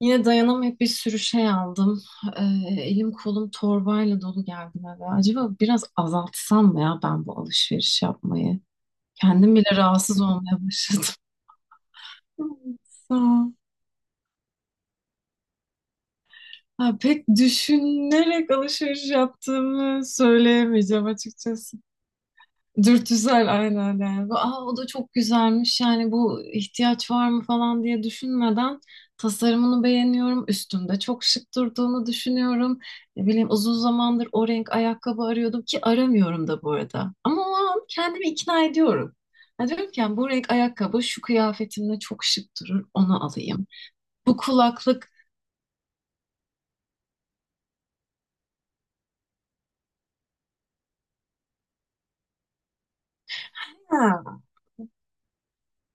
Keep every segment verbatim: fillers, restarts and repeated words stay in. Yine dayanamayıp bir sürü şey aldım. Ee, elim kolum torbayla dolu geldim eve. Acaba biraz azaltsam mı ya ben bu alışveriş yapmayı? Kendim bile rahatsız olmaya başladım. Sağ- ol. Ha, pek düşünerek alışveriş yaptığımı söyleyemeyeceğim açıkçası. Dürtüsel aynen yani. Aa, o da çok güzelmiş yani bu ihtiyaç var mı falan diye düşünmeden tasarımını beğeniyorum. Üstümde çok şık durduğunu düşünüyorum. Ne bileyim uzun zamandır o renk ayakkabı arıyordum, ki aramıyorum da bu arada. Ama o an kendimi ikna ediyorum. Ya diyorum ki yani bu renk ayakkabı şu kıyafetimle çok şık durur, onu alayım. Bu kulaklık. Ha,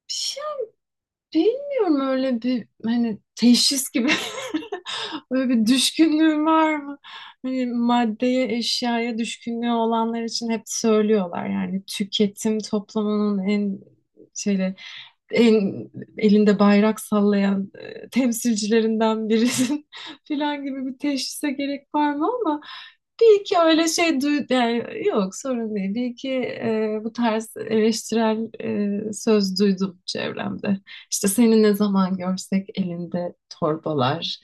bir şey. Bilmiyorum, öyle bir hani teşhis gibi, öyle bir düşkünlüğüm var mı? Hani maddeye, eşyaya düşkünlüğü olanlar için hep söylüyorlar, yani tüketim toplumunun en şeyle, el- elinde bayrak sallayan e, temsilcilerinden birisin filan gibi bir teşhise gerek var mı ama bir iki öyle şey duy, yani yok sorun değil. Bir iki e, bu tarz eleştirel e, söz duydum çevremde. İşte seni ne zaman görsek elinde torbalar,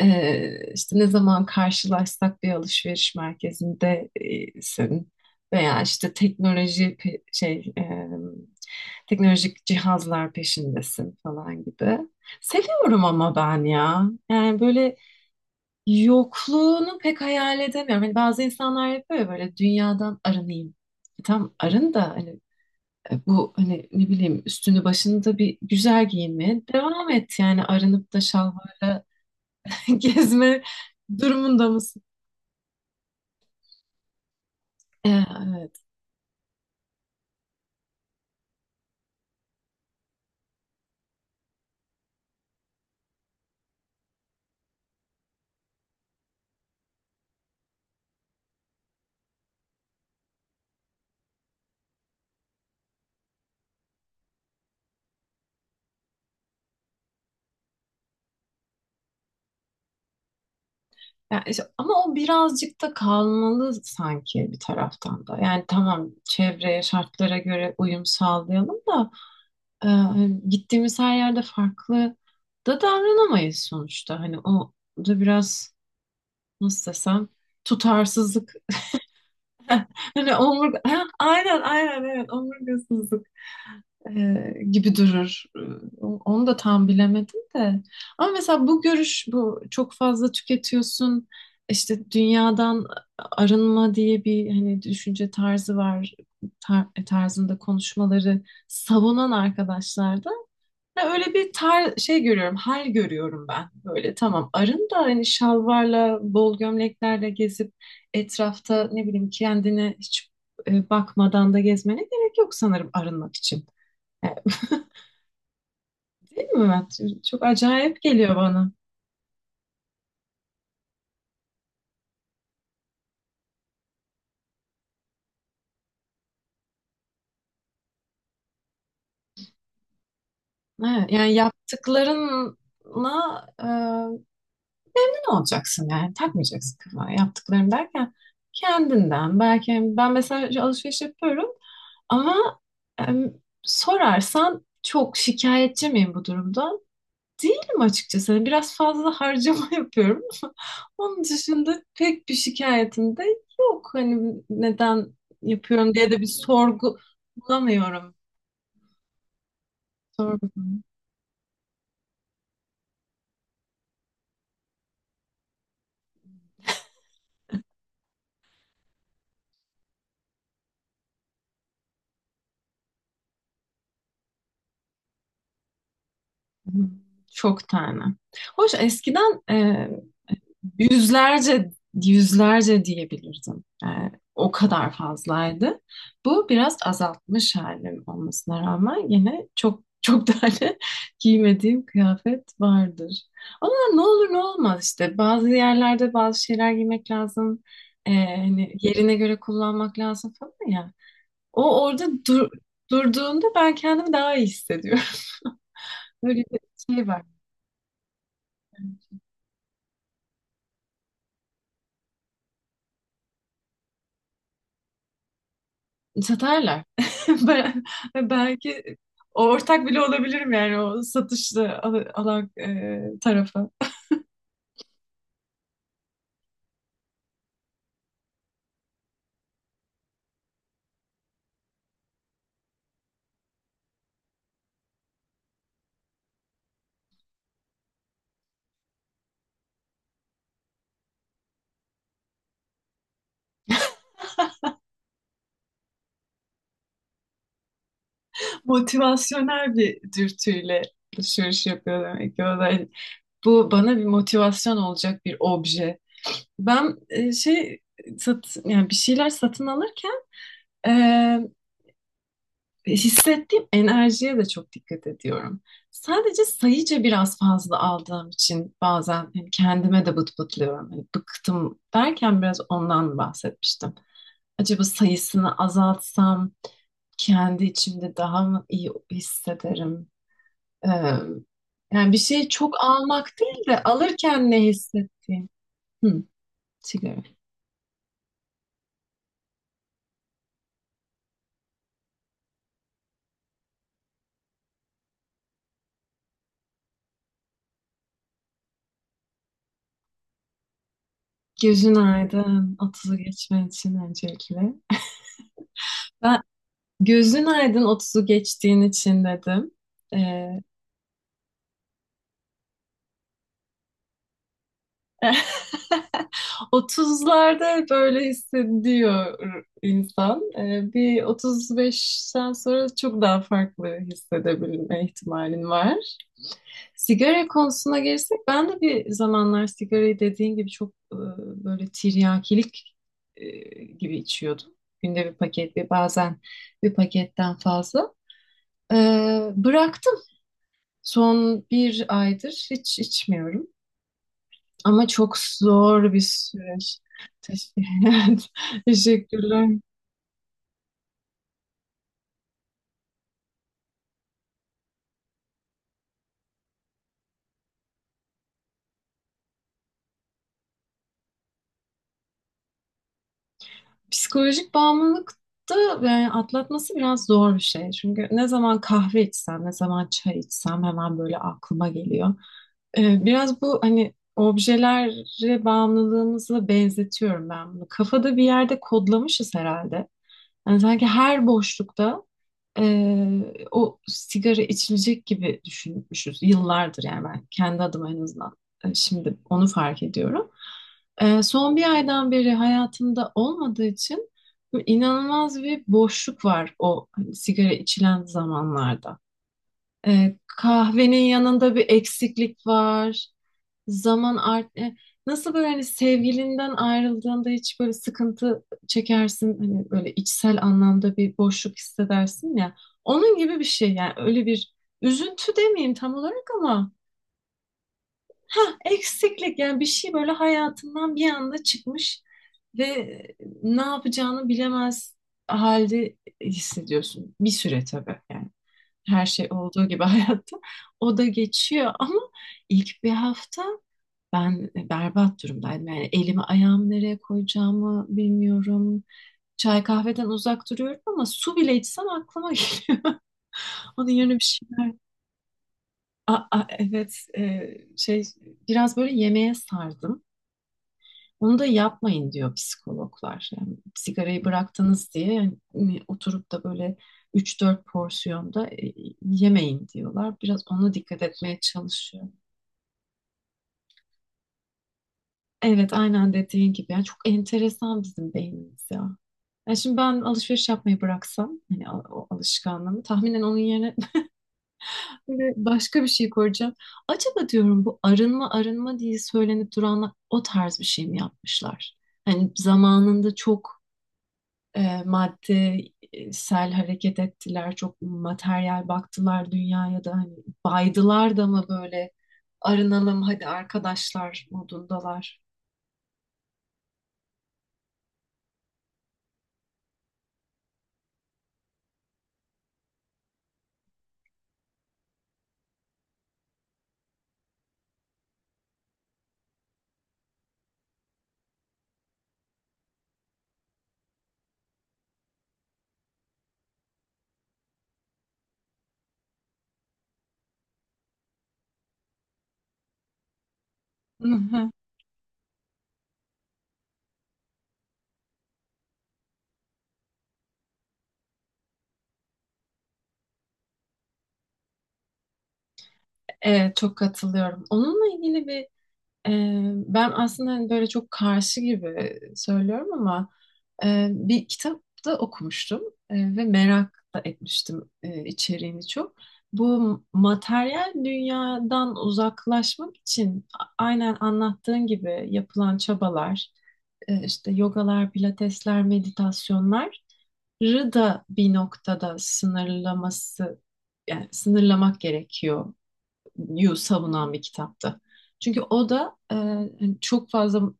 e, işte ne zaman karşılaşsak bir alışveriş merkezinde e, senin veya işte teknoloji pe- şey e, teknolojik cihazlar peşindesin falan gibi. Seviyorum ama ben ya. Yani böyle yokluğunu pek hayal edemiyorum. Hani bazı insanlar yapıyor ya, böyle dünyadan arınayım. E, tam arın da hani e, bu hani ne bileyim üstünü başını da bir güzel giyinmeye devam et, yani arınıp da şalvarla gezme durumunda mısın? E, Evet. Ya işte- ama o birazcık da kalmalı sanki bir taraftan da. Yani tamam, çevreye, şartlara göre uyum sağlayalım da e, hani gittiğimiz her yerde farklı da davranamayız sonuçta. Hani o da biraz, nasıl desem, tutarsızlık. Hani omurga, ha, aynen aynen, evet, omurgasızlık e, gibi durur. E, o- Onu da tam bilemedim de. Ama mesela bu görüş, bu çok fazla tüketiyorsun, işte dünyadan arınma diye bir hani düşünce tarzı var, tar- e, tarzında konuşmaları savunan arkadaşlar da ya. Öyle bir tar şey görüyorum, hal görüyorum ben. Böyle tamam, arın da hani şalvarla, bol gömleklerle gezip etrafta ne bileyim kendine hiç e, bakmadan da gezmene gerek yok sanırım arınmak için. Yani, değil mi Mert? Çok acayip geliyor bana. Evet, yani yaptıklarınla e, ne olacaksın yani takmayacaksın kafana yaptıklarım derken, kendinden belki. Yani ben mesela şu alışveriş yapıyorum. Ama em, sorarsan, çok şikayetçi miyim bu durumda? Değilim açıkçası. Hani biraz fazla harcama yapıyorum. Onun dışında pek bir şikayetim de yok. Hani neden yapıyorum diye de bir sorgu bulamıyorum. Sorgu. Çok tane. Hoş eskiden yüzlerce, yüzlerce diyebilirdim. Ee, o kadar fazlaydı. Bu biraz azaltmış halim olmasına rağmen yine çok çok tane giymediğim kıyafet vardır. Ama ne olur ne olmaz işte. Bazı yerlerde bazı şeyler giymek lazım. Ee, hani yerine göre kullanmak lazım falan ya. O orada dur, durduğunda ben kendimi daha iyi hissediyorum. Böyle bir şey var. Satarlar. Ben, belki ortak bile olabilirim yani o satışlı al- alan e, tarafı. Motivasyonel bir dürtüyle alışveriş yapıyor demek ki o da. Hani bu bana bir motivasyon olacak bir obje. Ben e, şey sat, yani bir şeyler satın alırken hissettiğim enerjiye de çok dikkat ediyorum. Sadece sayıca biraz fazla aldığım için bazen hani kendime de bıt bıtlıyorum. Hani bıktım derken biraz ondan bahsetmiştim. Acaba sayısını azaltsam kendi içimde daha mı iyi hissederim? Ee, Yani bir şeyi çok almak değil de alırken ne hissettiğim. Hı, sigara. Gözün aydın, otuzu geçmen için öncelikle. Ben, gözün aydın otuzu geçtiğin için dedim. Ee, otuzlarda böyle hissediyor insan. Ee, bir otuz beşten sonra çok daha farklı hissedebilme ihtimalin var. Sigara konusuna gelirsek, ben de bir zamanlar sigarayı dediğin gibi çok e, böyle tiryakilik e, gibi içiyordum. Günde bir paket, ve bazen bir paketten fazla. Ee, bıraktım. Son bir aydır hiç içmiyorum. Ama çok zor bir süreç. Teşekkür- Evet, teşekkürler. Psikolojik bağımlılık da yani atlatması biraz zor bir şey. Çünkü ne zaman kahve içsem, ne zaman çay içsem hemen böyle aklıma geliyor. Ee, biraz bu hani objelere bağımlılığımızla benzetiyorum ben bunu. Kafada bir yerde kodlamışız herhalde. Yani sanki her boşlukta Ee, o sigara içilecek gibi düşünmüşüz yıllardır, yani ben kendi adıma en azından e, şimdi onu fark ediyorum. Ee, son bir aydan beri hayatımda olmadığı için böyle inanılmaz bir boşluk var, o hani sigara içilen zamanlarda. Ee, kahvenin yanında bir eksiklik var. Zaman art e, nasıl böyle, hani sevgilinden ayrıldığında hiç böyle sıkıntı çekersin, hani böyle içsel anlamda bir boşluk hissedersin ya, onun gibi bir şey. Yani öyle bir üzüntü demeyeyim tam olarak ama, ha, eksiklik yani. Bir şey böyle hayatından bir anda çıkmış ve ne yapacağını bilemez halde hissediyorsun bir süre, tabii yani, her şey olduğu gibi hayatta o da geçiyor ama, ilk bir hafta ben e, berbat durumdaydım. Yani elimi ayağımı nereye koyacağımı bilmiyorum. Çay kahveden uzak duruyorum ama su bile içsem aklıma geliyor. Onun yerine bir şeyler. Aa, aa, evet, e, şey, biraz böyle yemeğe sardım. Onu da yapmayın diyor psikologlar. Yani sigarayı bıraktınız diye yani hani oturup da böyle üç dört porsiyonda e, yemeyin diyorlar. Biraz ona dikkat etmeye çalışıyorum. Evet, aynen dediğin gibi. Yani çok enteresan bizim beynimiz ya. Yani şimdi ben alışveriş yapmayı bıraksam, hani al- o alışkanlığımı tahminen onun yerine böyle başka bir şey koyacağım. Acaba diyorum bu arınma arınma diye söylenip duranlar o tarz bir şey mi yapmışlar? Hani zamanında çok e, maddesel hareket ettiler, çok materyal baktılar dünyaya da, hani baydılar da mı böyle, arınalım hadi arkadaşlar modundalar. Evet, çok katılıyorum. Onunla ilgili bir e, ben aslında hani böyle çok karşı gibi söylüyorum ama e, bir kitapta okumuştum e, ve merak da etmiştim e, içeriğini çok. Bu materyal dünyadan uzaklaşmak için a- aynen anlattığın gibi yapılan çabalar, e, işte yogalar, pilatesler, meditasyonları da bir noktada sınırlaması, yani sınırlamak gerekiyor yu savunan bir kitaptı. Çünkü o da e, hani çok fazla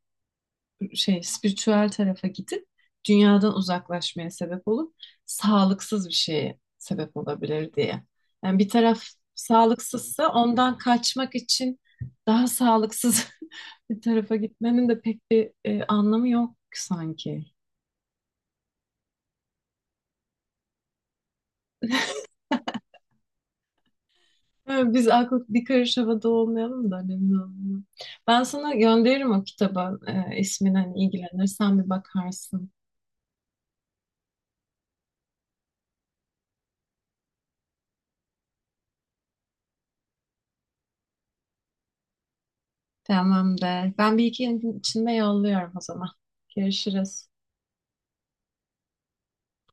şey spiritüel tarafa gidip dünyadan uzaklaşmaya sebep olup sağlıksız bir şeye sebep olabilir diye. Yani bir taraf sağlıksızsa ondan kaçmak için daha sağlıksız bir tarafa gitmenin de pek bir e, anlamı yok sanki. Biz aklı bir karış havada olmayalım da önemli olmuyor. Ben sana gönderirim o kitabı e, ismini, hani ilgilenirsen bir bakarsın. Tamamdır. Ben bir iki gün içinde yolluyorum o zaman. Görüşürüz.